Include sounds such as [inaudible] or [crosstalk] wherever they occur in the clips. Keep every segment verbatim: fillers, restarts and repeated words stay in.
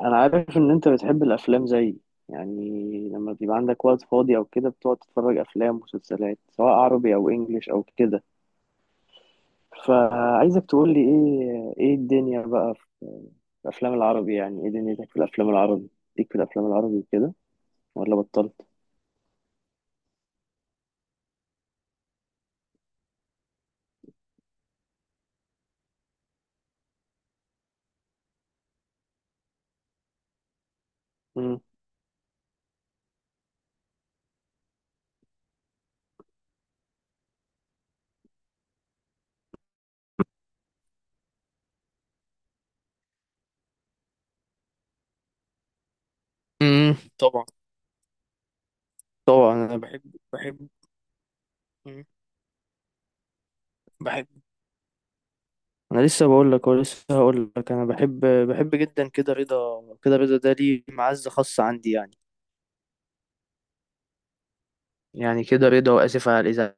انا عارف ان انت بتحب الافلام زيي، يعني لما بيبقى عندك وقت فاضي او كده بتقعد تتفرج افلام ومسلسلات، سواء عربي او انجليش او كده، فعايزك تقول لي ايه ايه الدنيا بقى في الافلام العربي، يعني ايه دنيتك في الافلام العربي، ليك في الافلام العربي كده، ولا بطلت؟ امم امم طبعا طبعا انا بحب بحب مم. بحب، انا لسه بقول لك ولسه هقول لك انا بحب بحب جدا كده رضا، كده رضا ده ليه معزة خاصة عندي يعني، يعني كده رضا واسف على الازعاج،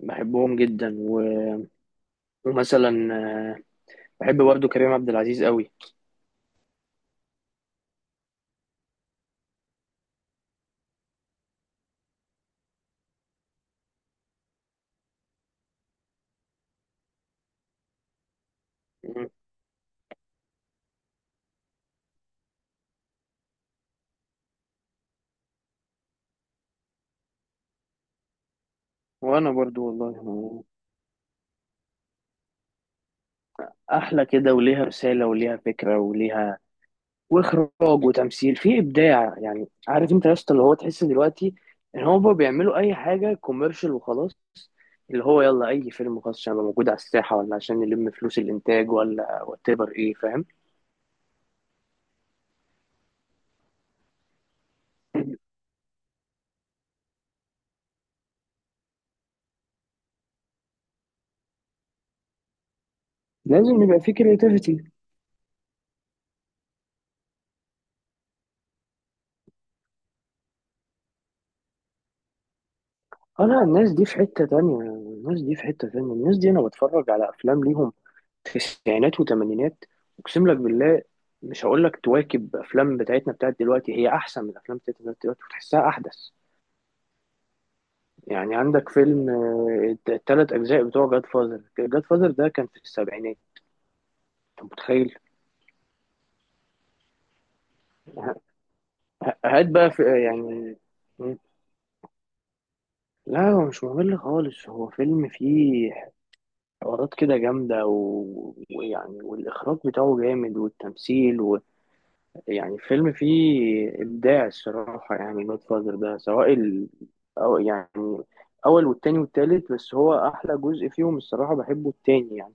بحبهم جدا و... ومثلا آه، بحب برضو كريم عبد العزيز قوي. مم. وانا برضو والله احلى كده، وليها رسالة وليها فكرة وليها واخراج وتمثيل في ابداع، يعني عارف انت يا اسطى اللي هو تحس دلوقتي ان هو بيعملوا اي حاجة كوميرشال وخلاص، اللي هو يلا اي فيلم خاص عشان يبقى موجود على الساحة، ولا عشان نلم فلوس الانتاج، ولا وات ايفر، ايه فاهم. لازم يبقى في كرياتيفيتي. اه لا، الناس دي في حتة تانية، الناس دي في حتة تانية، الناس دي انا بتفرج على افلام ليهم تسعينات وتمانينات، اقسم لك بالله. مش هقول لك تواكب افلام بتاعتنا بتاعت دلوقتي، هي احسن من الافلام بتاعتنا دلوقتي وتحسها احدث. يعني عندك فيلم الثلاث اجزاء بتوع جاد فازر، جاد فازر ده كان في السبعينات، انت متخيل؟ هات بقى في آه، يعني. مم. لا هو مش ممل خالص، هو فيلم فيه حوارات كده جامدة و- ويعني، والإخراج بتاعه جامد والتمثيل، يعني فيلم فيه إبداع الصراحة. يعني جود فاذر ده سواء ال... أو يعني أول والتاني والتالت، بس هو أحلى جزء فيهم الصراحة بحبه التاني يعني.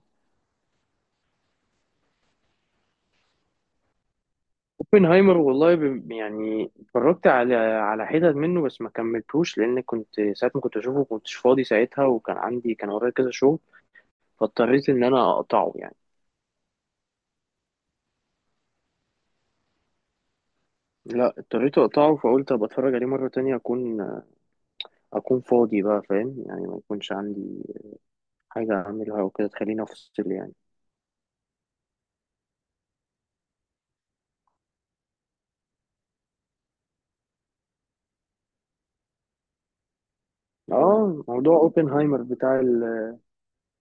اوبنهايمر والله ب... يعني اتفرجت على على حتت منه، بس ما كملتوش لأن كنت، ساعة ما كنت أشوفه كنتش فاضي ساعتها، وكان عندي، كان ورايا كذا شغل، فاضطريت إن أنا أقطعه يعني. لا اضطريت أقطعه، فقلت أبقى أتفرج عليه مرة تانية أكون، أكون فاضي بقى فاهم، يعني ما يكونش عندي حاجة أعملها وكده تخليني أفصل يعني. اه، موضوع اوبنهايمر بتاع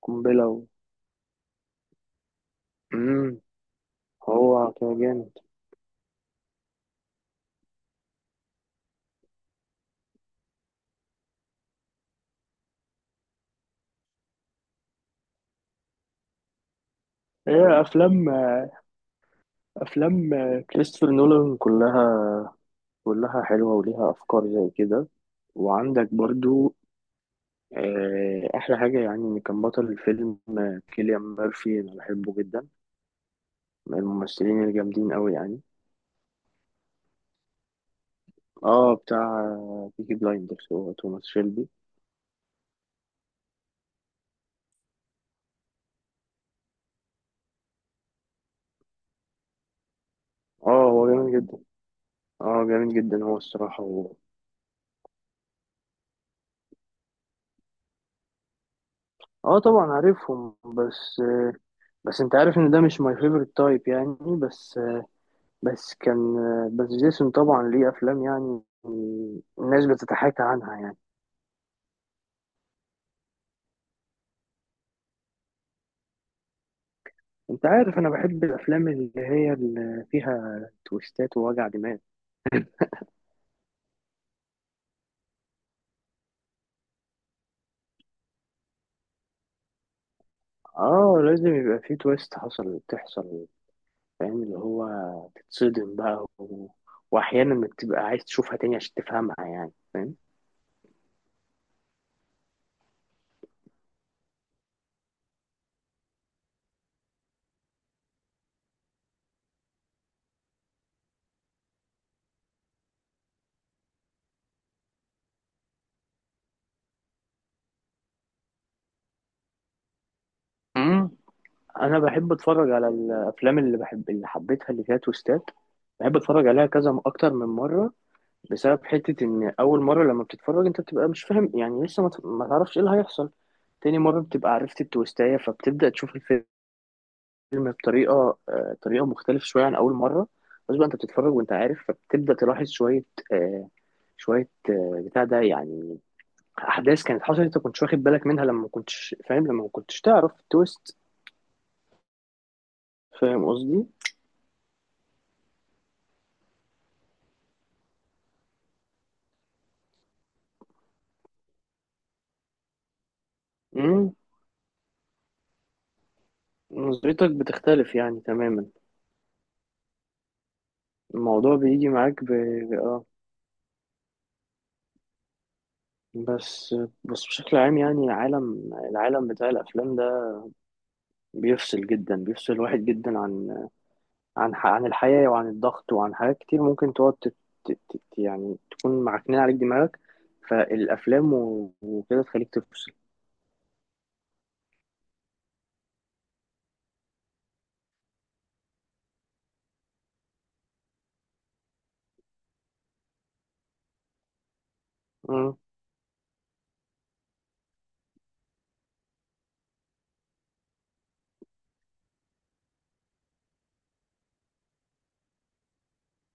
القنبلة و... مم. هو كان جامد. هي افلام، افلام كريستوفر نولان كلها، كلها حلوة وليها افكار زي كده. وعندك برضو آه، احلى حاجة يعني ان كان بطل الفيلم آه، كيليان ميرفي، انا بحبه جدا، من الممثلين الجامدين قوي يعني. اه بتاع بيكي بلايندرز، هو توماس شيلبي. اه هو جامد جدا، اه جامد جدا هو الصراحة هو. اه طبعا عارفهم، بس بس انت عارف ان ده مش ماي فيفورت تايب يعني. بس بس كان بس جيسون طبعا ليه افلام يعني الناس بتتحاكى عنها يعني. انت عارف انا بحب الافلام اللي هي اللي فيها تويستات ووجع دماغ. اه لازم يبقى في تويست، حصل تحصل، فاهم اللي هو تتصدم بقى و... واحيانا بتبقى عايز تشوفها تاني عشان تفهمها يعني، فاهم. امم انا بحب اتفرج على الافلام، اللي بحب اللي حبيتها اللي فيها تويستات، بحب اتفرج عليها كذا اكتر من مره. بسبب حتة إن أول مرة لما بتتفرج أنت بتبقى مش فاهم يعني، لسه ما ت- ما تعرفش إيه اللي هيحصل. تاني مرة بتبقى عرفت التويستاية، فبتبدأ تشوف الفيلم بطريقة، آه، طريقة مختلفة شوية عن أول مرة. بس بقى أنت بتتفرج وأنت عارف، فبتبدأ تلاحظ شوية آه، شوية آه، بتاع ده يعني، أحداث كانت حصلت أنت كنتش واخد بالك منها لما ما كنتش فاهم، لما ما كنتش تعرف التويست. فاهم قصدي؟ مم، نظرتك بتختلف يعني تماما. الموضوع بيجي معاك ب... آه بس بس بشكل عام، يعني عالم، العالم بتاع الافلام ده بيفصل جدا، بيفصل الواحد جدا عن، عن ح- عن الحياه وعن الضغط وعن حاجات كتير ممكن تقعد تت- تت- تت- يعني تكون معكنين عليك دماغك، فالافلام و- وكده تخليك تفصل. مم.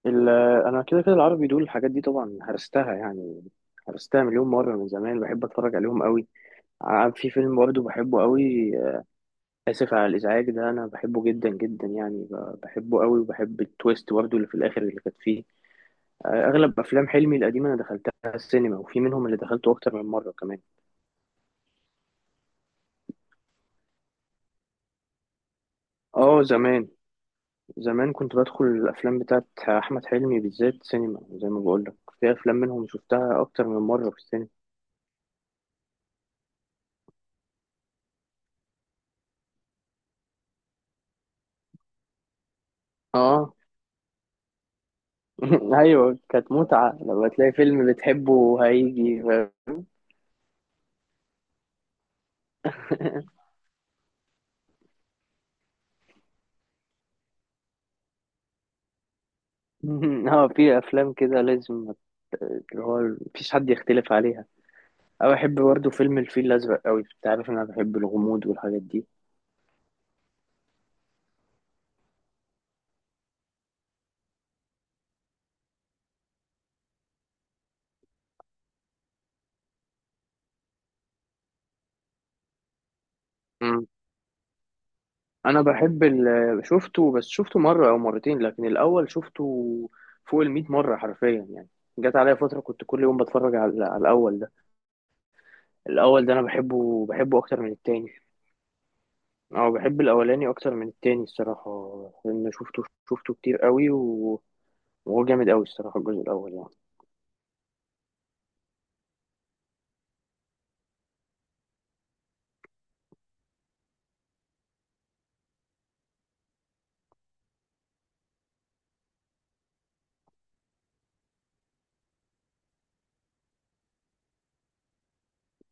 ال- انا كده كده العربي دول الحاجات دي طبعا هرستها يعني، هرستها مليون مره من زمان، بحب اتفرج عليهم قوي. ع- في فيلم برضه بحبه قوي، آسف على الإزعاج ده، أنا بحبه جدا جدا يعني ب- بحبه قوي، وبحب التويست برضه اللي في الآخر اللي كانت فيه. آه، أغلب أفلام حلمي القديمة أنا دخلتها السينما، وفي منهم اللي دخلته أكتر من مرة كمان. آه زمان، زمان كنت بدخل الأفلام بتاعت أحمد حلمي بالذات سينما، زي ما بقولك، في أفلام منهم شفتها أكتر من مرة في السينما. آه [laughs] أيوة كانت متعة لما تلاقي فيلم بتحبه هيجي [laughs] ف... اه في افلام كده لازم، اللي هو مفيش حد يختلف عليها. أو أحب برضه فيلم الفيل الأزرق أوي، أنت عارف إن أنا بحب الغموض والحاجات دي. مم. أنا بحب ال... شفته، بس شفته مرة أو مرتين، لكن الأول شفته فوق المية مرة حرفيا يعني. جت عليا فترة كنت كل يوم بتفرج على، على الأول ده. الأول ده أنا بحبه بحبه أكتر من التاني. أو بحب الأولاني أكتر من التاني الصراحة، لأن شفته شفته كتير أوي و... وهو جامد أوي الصراحة، الجزء الأول يعني.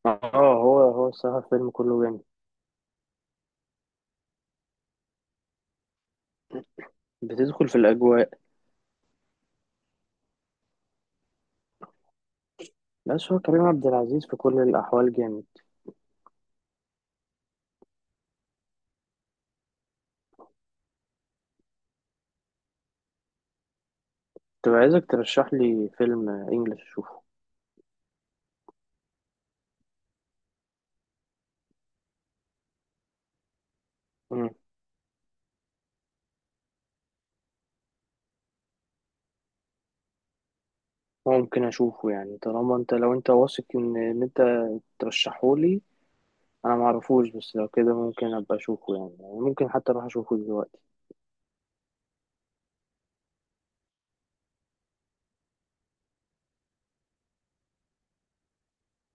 آه هو هو الصراحة الفيلم كله جامد. بتدخل في الأجواء. بس هو كريم عبد العزيز في كل الأحوال جامد. كنت عايزك ترشح لي فيلم انجلش اشوفه. مم. ممكن اشوفه يعني، طالما انت، لو انت واثق ان ان انت ترشحه لي، انا معرفوش، بس لو كده ممكن ابقى اشوفه يعني، يعني ممكن حتى اروح اشوفه دلوقتي.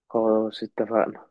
خلاص اتفقنا.